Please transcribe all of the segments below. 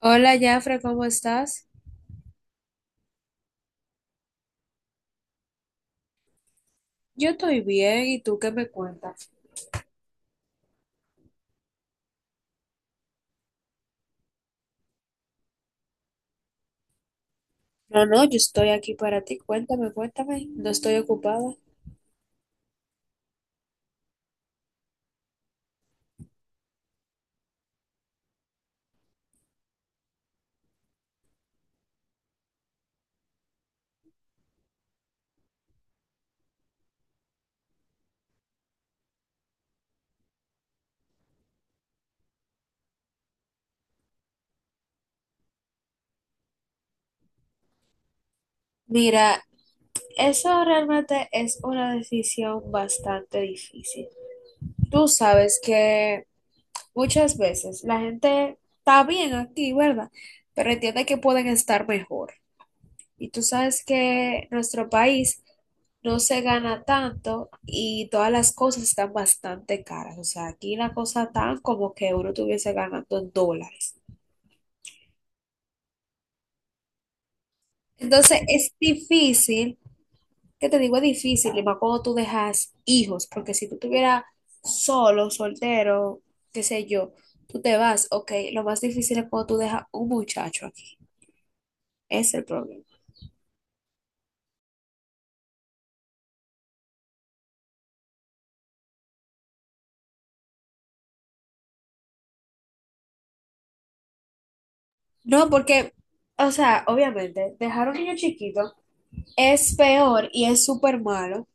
Hola, Jafre, ¿cómo estás? Yo estoy bien, ¿y tú qué me cuentas? No, no, yo estoy aquí para ti. Cuéntame, cuéntame. No estoy ocupada. Mira, eso realmente es una decisión bastante difícil. Tú sabes que muchas veces la gente está bien aquí, ¿verdad? Pero entiende que pueden estar mejor. Y tú sabes que nuestro país no se gana tanto y todas las cosas están bastante caras. O sea, aquí la cosa tan como que uno estuviese ganando en dólares. Entonces es difícil, que te digo, es difícil, y más cuando tú dejas hijos, porque si tú estuvieras solo, soltero, qué sé yo, tú te vas, ok, lo más difícil es cuando tú dejas un muchacho aquí. Ese es el problema. No, porque, o sea, obviamente, dejar un niño chiquito es peor y es súper malo.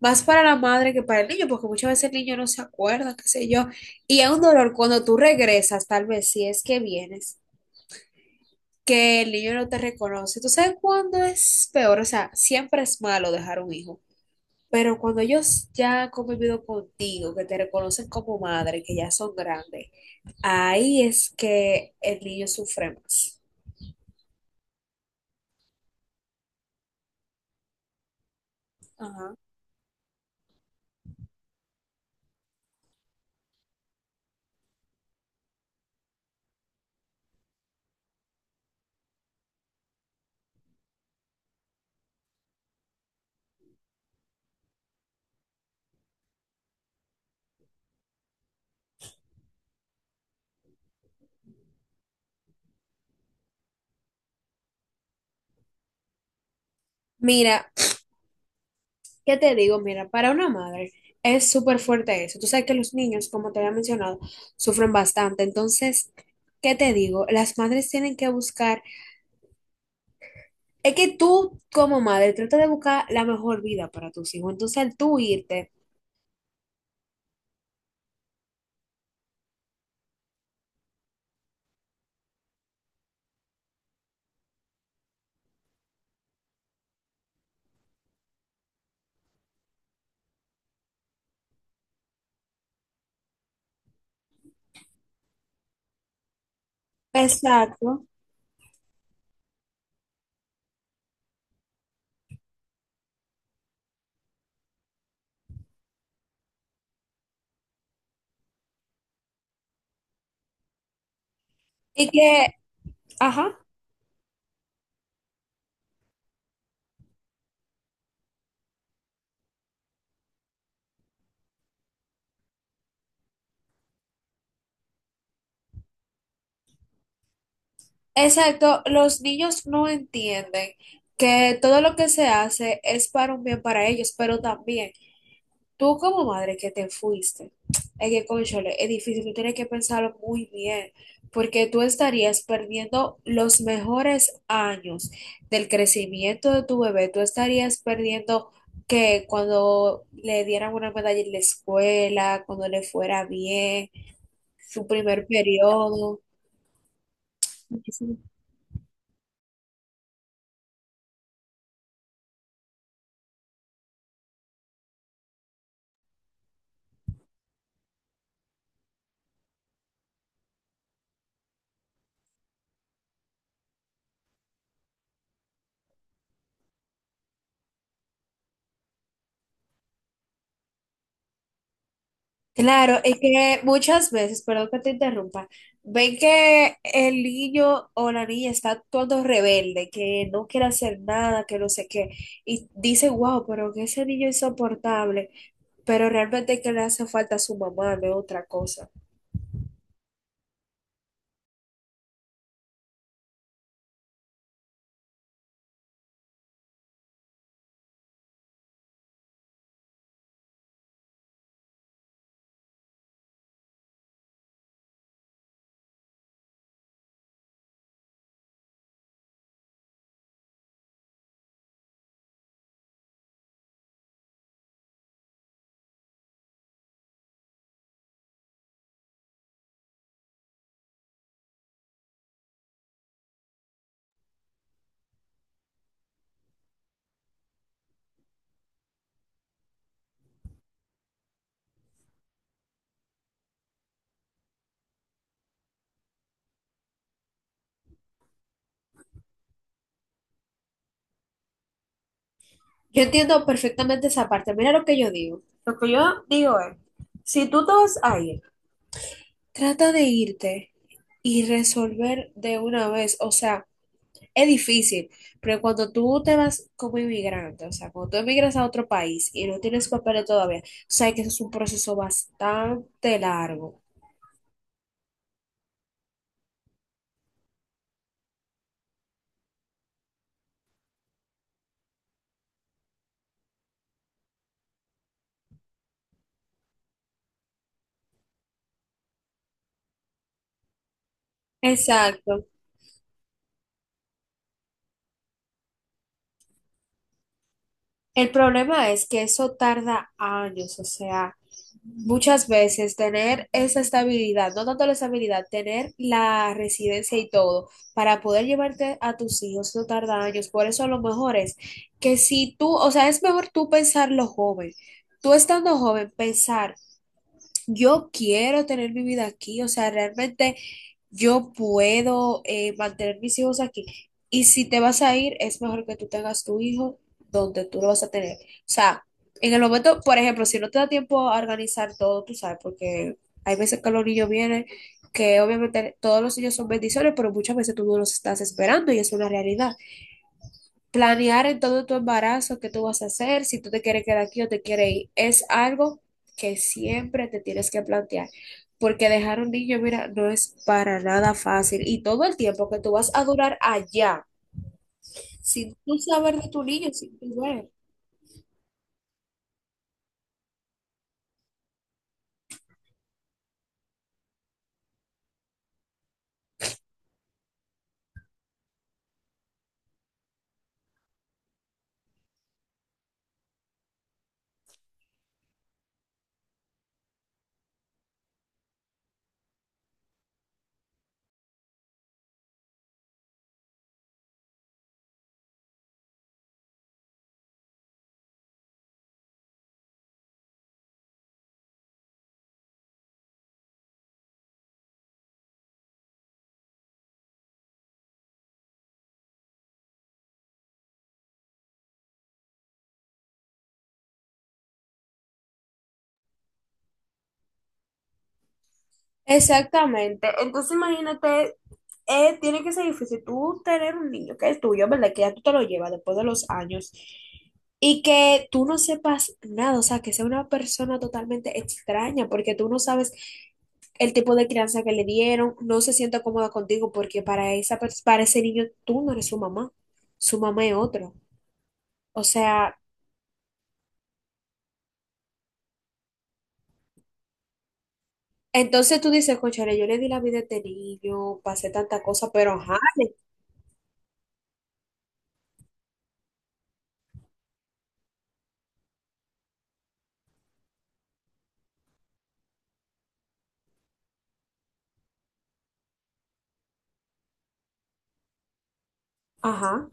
Más para la madre que para el niño, porque muchas veces el niño no se acuerda, qué sé yo. Y es un dolor cuando tú regresas, tal vez si es que vienes, que el niño no te reconoce. ¿Tú sabes cuándo es peor? O sea, siempre es malo dejar un hijo. Pero cuando ellos ya han convivido contigo, que te reconocen como madre, que ya son grandes, ahí es que el niño sufre más. Ajá. Mira, ¿qué te digo? Mira, para una madre es súper fuerte eso. Tú sabes que los niños, como te había mencionado, sufren bastante. Entonces, ¿qué te digo? Las madres tienen que buscar, es que tú como madre trata de buscar la mejor vida para tus hijos. Entonces, al tú irte, exacto. Y que, ajá, exacto, los niños no entienden que todo lo que se hace es para un bien para ellos, pero también tú como madre que te fuiste, es que, cónchale, es difícil, tú tienes que pensarlo muy bien, porque tú estarías perdiendo los mejores años del crecimiento de tu bebé, tú estarías perdiendo que cuando le dieran una medalla en la escuela, cuando le fuera bien, su primer periodo. Claro, es que muchas veces, perdón que te interrumpa, ven que el niño o la niña está todo rebelde, que no quiere hacer nada, que no sé qué, y dice wow, pero que ese niño es insoportable, pero realmente que le hace falta a su mamá, no es otra cosa. Yo entiendo perfectamente esa parte, mira lo que yo digo. Lo que yo digo es, si tú te vas a ir, trata de irte y resolver de una vez, o sea, es difícil, pero cuando tú te vas como inmigrante, o sea, cuando tú emigras a otro país y no tienes papeles todavía, sabes que eso es un proceso bastante largo. Exacto. El problema es que eso tarda años, o sea, muchas veces tener esa estabilidad, no tanto la estabilidad, tener la residencia y todo para poder llevarte a tus hijos, eso tarda años. Por eso a lo mejor es que si tú, o sea, es mejor tú pensarlo joven. Tú estando joven, pensar yo quiero tener mi vida aquí, o sea, realmente yo puedo mantener mis hijos aquí. Y si te vas a ir, es mejor que tú tengas tu hijo donde tú lo vas a tener. O sea, en el momento, por ejemplo, si no te da tiempo a organizar todo, tú sabes, porque hay veces que los niños vienen, que obviamente todos los niños son bendiciones, pero muchas veces tú no los estás esperando y es una realidad. Planear en todo tu embarazo qué tú vas a hacer, si tú te quieres quedar aquí o te quieres ir, es algo que siempre te tienes que plantear, porque dejar un niño, mira, no es para nada fácil y todo el tiempo que tú vas a durar allá, sin tú saber de tu niño, sin tú ver. Exactamente. Entonces imagínate, tiene que ser difícil tú tener un niño que es tuyo, ¿verdad? Que ya tú te lo llevas después de los años y que tú no sepas nada, o sea, que sea una persona totalmente extraña porque tú no sabes el tipo de crianza que le dieron, no se sienta cómoda contigo porque para esa, para ese niño tú no eres su mamá es otro. O sea, entonces tú dices, cónchale, yo le di la vida a este niño, pasé tanta cosa, pero ajá, le- ajá.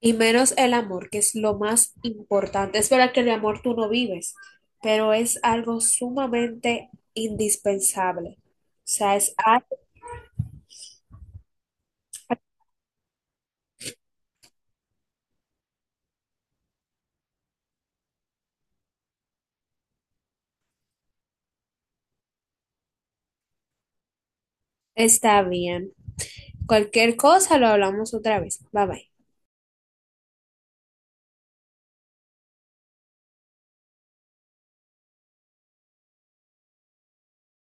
Y menos el amor, que es lo más importante. Es verdad que el amor tú no vives, pero es algo sumamente indispensable. O sea, es algo- está bien. Cualquier cosa lo hablamos otra vez. Bye bye.